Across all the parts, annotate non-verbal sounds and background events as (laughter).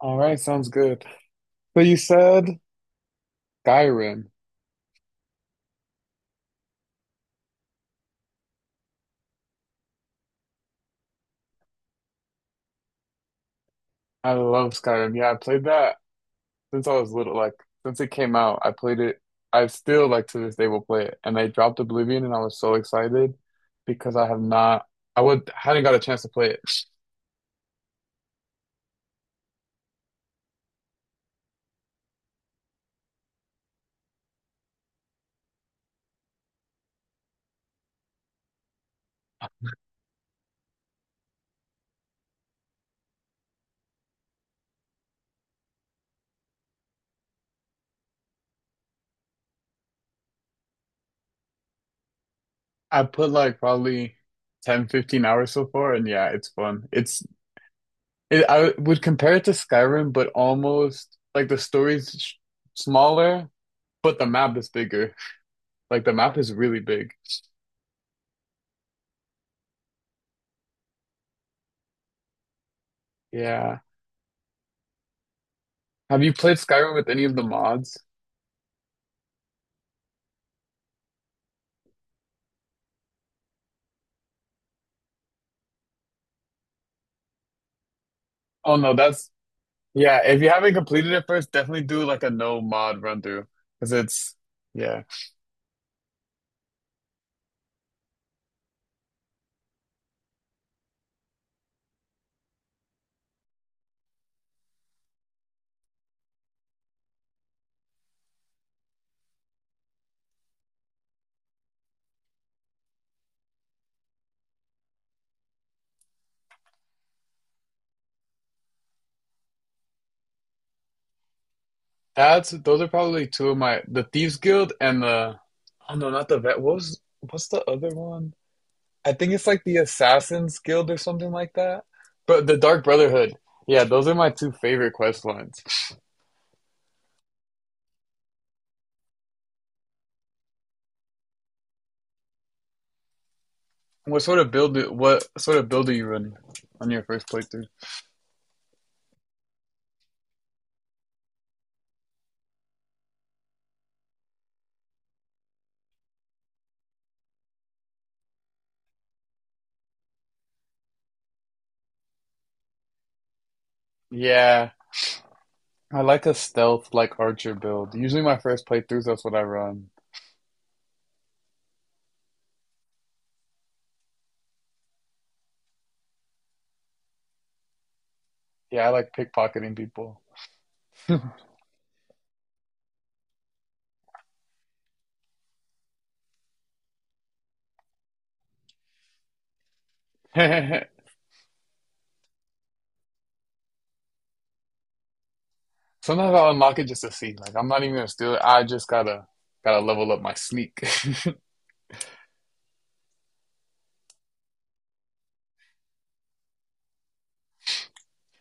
All right, sounds good. So you said Skyrim. I love Skyrim. Yeah, I played that since I was little. Like since it came out, I played it. I still like to this day will play it. And they dropped Oblivion, and I was so excited because I have not. I would hadn't got a chance to play it. I put like probably 10, 15 hours so far, and yeah, it's fun. I would compare it to Skyrim, but almost like the story's smaller, but the map is bigger. Like the map is really big. Yeah. Have you played Skyrim with any of the mods? Oh no, that's yeah. If you haven't completed it first, definitely do like a no mod run through because it's, yeah. That's those are probably two of my, the Thieves Guild and the, oh no, not the vet. What's the other one? I think it's like the Assassin's Guild or something like that. But the Dark Brotherhood. Yeah, those are my two favorite quest lines. What sort of build are you running on your first playthrough? Yeah. I like a stealth like archer build. Usually my first playthroughs, that's what I run. Yeah, I like pickpocketing people. (laughs) Sometimes I'll unlock it just to see. Like I'm not even gonna steal it. I just gotta level up my sneak. (laughs)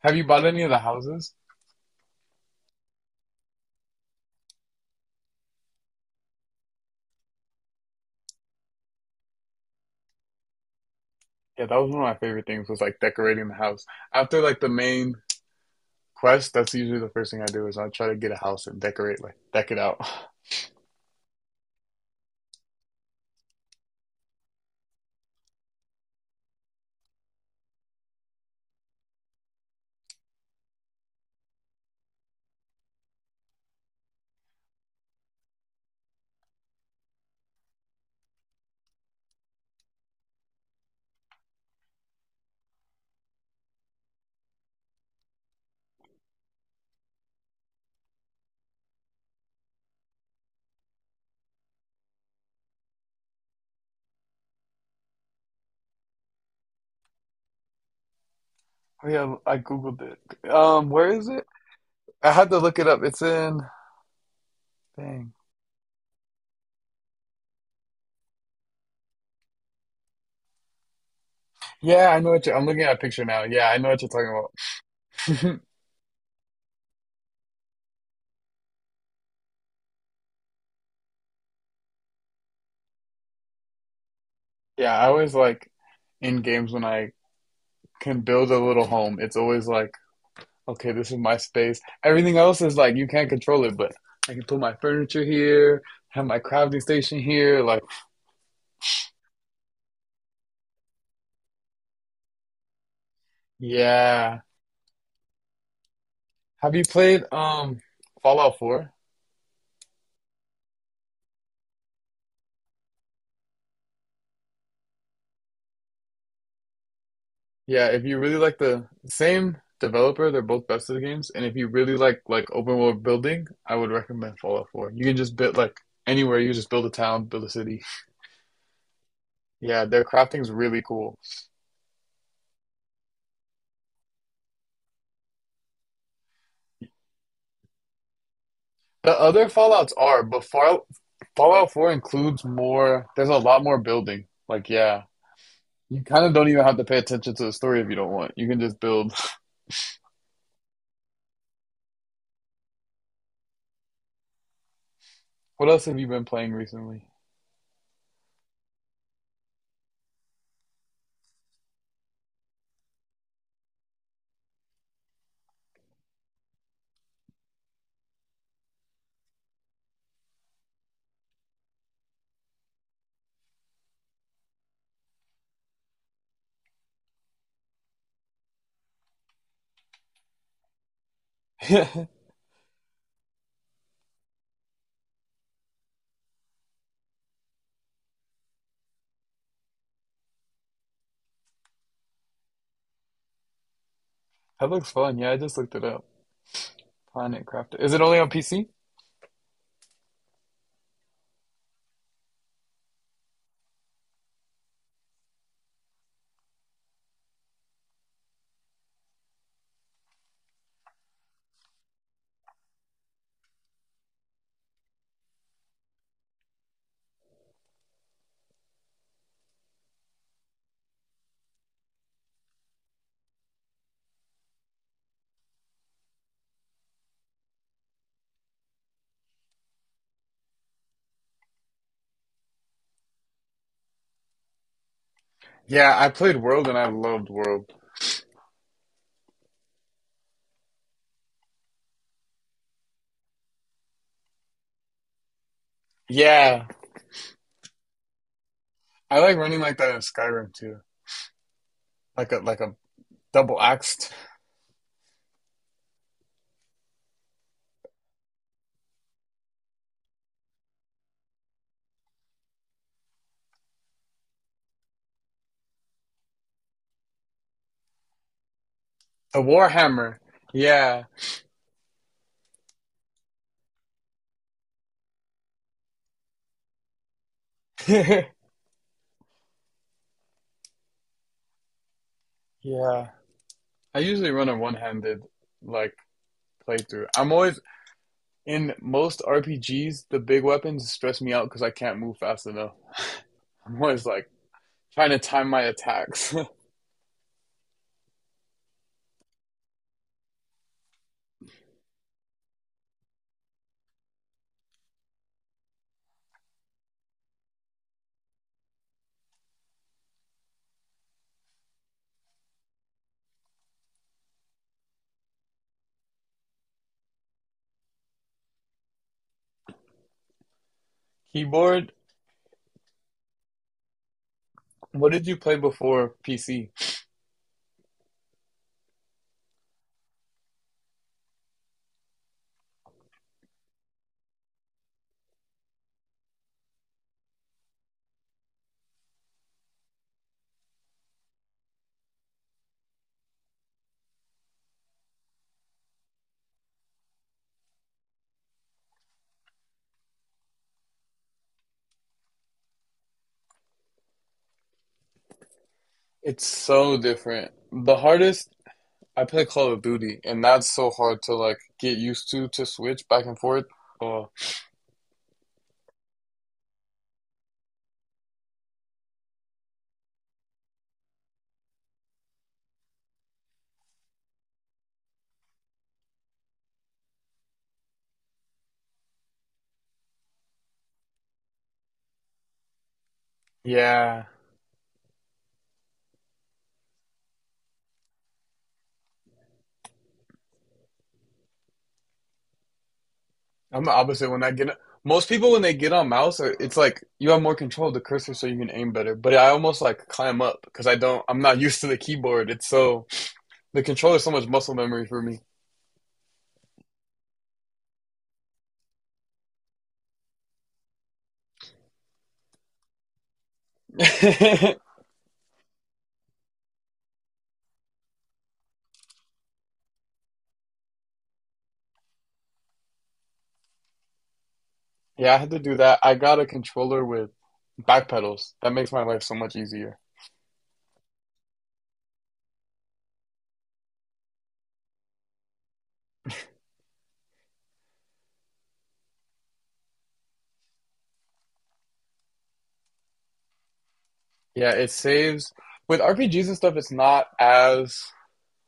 Have you bought any of the houses? Yeah, that was one of my favorite things was like decorating the house. After like the main quest, that's usually the first thing I do is I try to get a house and decorate like deck it out. (laughs) (sighs) Oh yeah, I googled it. Where is it? I had to look it up. It's in. Dang. Yeah, I know what you're. I'm looking at a picture now. Yeah, I know what you're talking about. (laughs) Yeah, I always like in games when I can build a little home, it's always like, okay, this is my space. Everything else is like you can't control it, but I can put my furniture here, have my crafting station here. Like, yeah. Have you played Fallout 4? Yeah, if you really like the same developer, they're both best of the games, and if you really like open world building, I would recommend Fallout 4. You can just build like anywhere, you just build a town, build a city. Yeah, their crafting's really cool. The other Fallouts are, but Fallout 4 includes more, there's a lot more building. Like, yeah, you kind of don't even have to pay attention to the story if you don't want. You can just build. (laughs) What else have you been playing recently? (laughs) That looks fun. Yeah, I just looked it up. Planet Crafter. Is it only on PC? Yeah, I played World and I loved World. Yeah, I like running like that in Skyrim too. Like a double axed. The Warhammer. Yeah. (laughs) Yeah. I usually run a one-handed like playthrough. I'm always in most RPGs, the big weapons stress me out because I can't move fast enough. (laughs) I'm always like trying to time my attacks. (laughs) Keyboard, what did you play before PC? It's so different. The hardest, I play Call of Duty, and that's so hard to like get used to switch back and forth. Oh, yeah. I'm the opposite when I get most people when they get on mouse, it's like you have more control of the cursor so you can aim better, but I almost like climb up because I don't I'm not used to the keyboard, it's so. The controller is so much muscle memory for me. (laughs) Yeah, I had to do that. I got a controller with back pedals. That makes my life so much easier. Yeah, it saves with RPGs and stuff. It's not as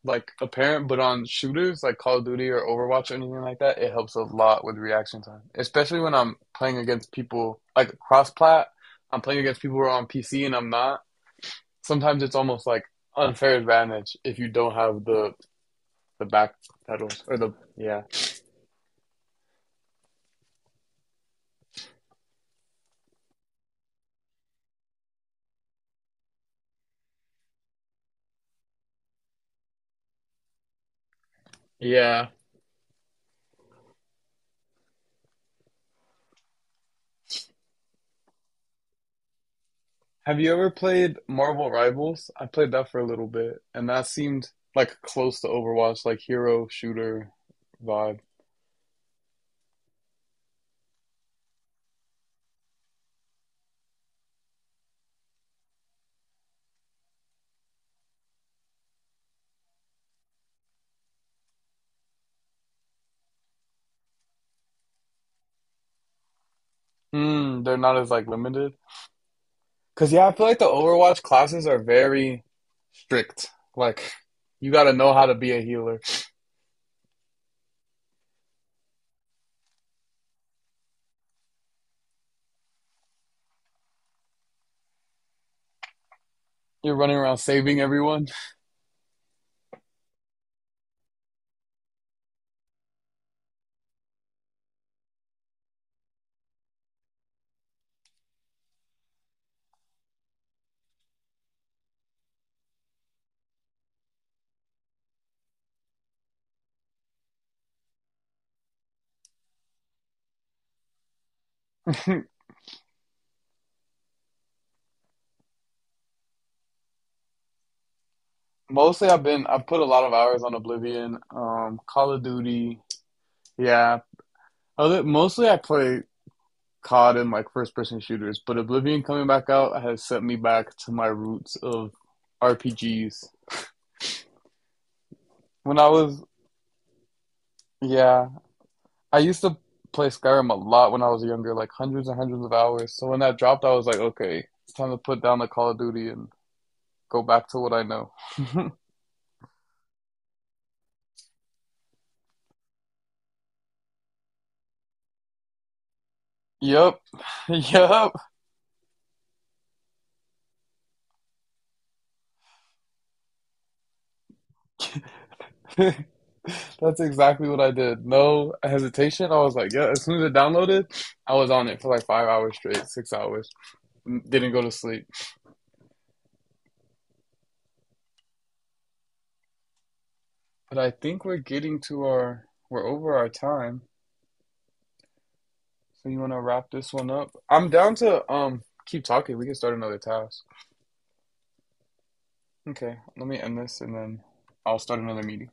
like apparent, but on shooters like Call of Duty or Overwatch or anything like that, it helps a lot with reaction time. Especially when I'm playing against people like cross-plat. I'm playing against people who are on PC and I'm not. Sometimes it's almost like unfair advantage if you don't have the back pedals or the, yeah, yeah. Have you ever played Marvel Rivals? I played that for a little bit, and that seemed like close to Overwatch, like hero shooter vibe. Mm, they're not as like limited. Cause yeah, I feel like the Overwatch classes are very strict. Like you gotta know how to be a healer. You're running around saving everyone. (laughs) Mostly I've put a lot of hours on Oblivion, Call of Duty. Yeah. Other mostly I play COD and like first person shooters, but Oblivion coming back out has sent me back to my roots of RPGs. When I was, yeah, I used to play Skyrim a lot when I was younger, like hundreds and hundreds of hours. So when that dropped, I was like, okay, it's time to put down the Call of Duty and go back to what I know. (laughs) Yep, yep. (laughs) That's exactly what I did. No hesitation. I was like, yeah, as soon as it downloaded, I was on it for like 5 hours straight, 6 hours. Didn't go to sleep. But I think we're over our time. So you want to wrap this one up? I'm down to keep talking. We can start another task. Okay, let me end this and then I'll start another meeting.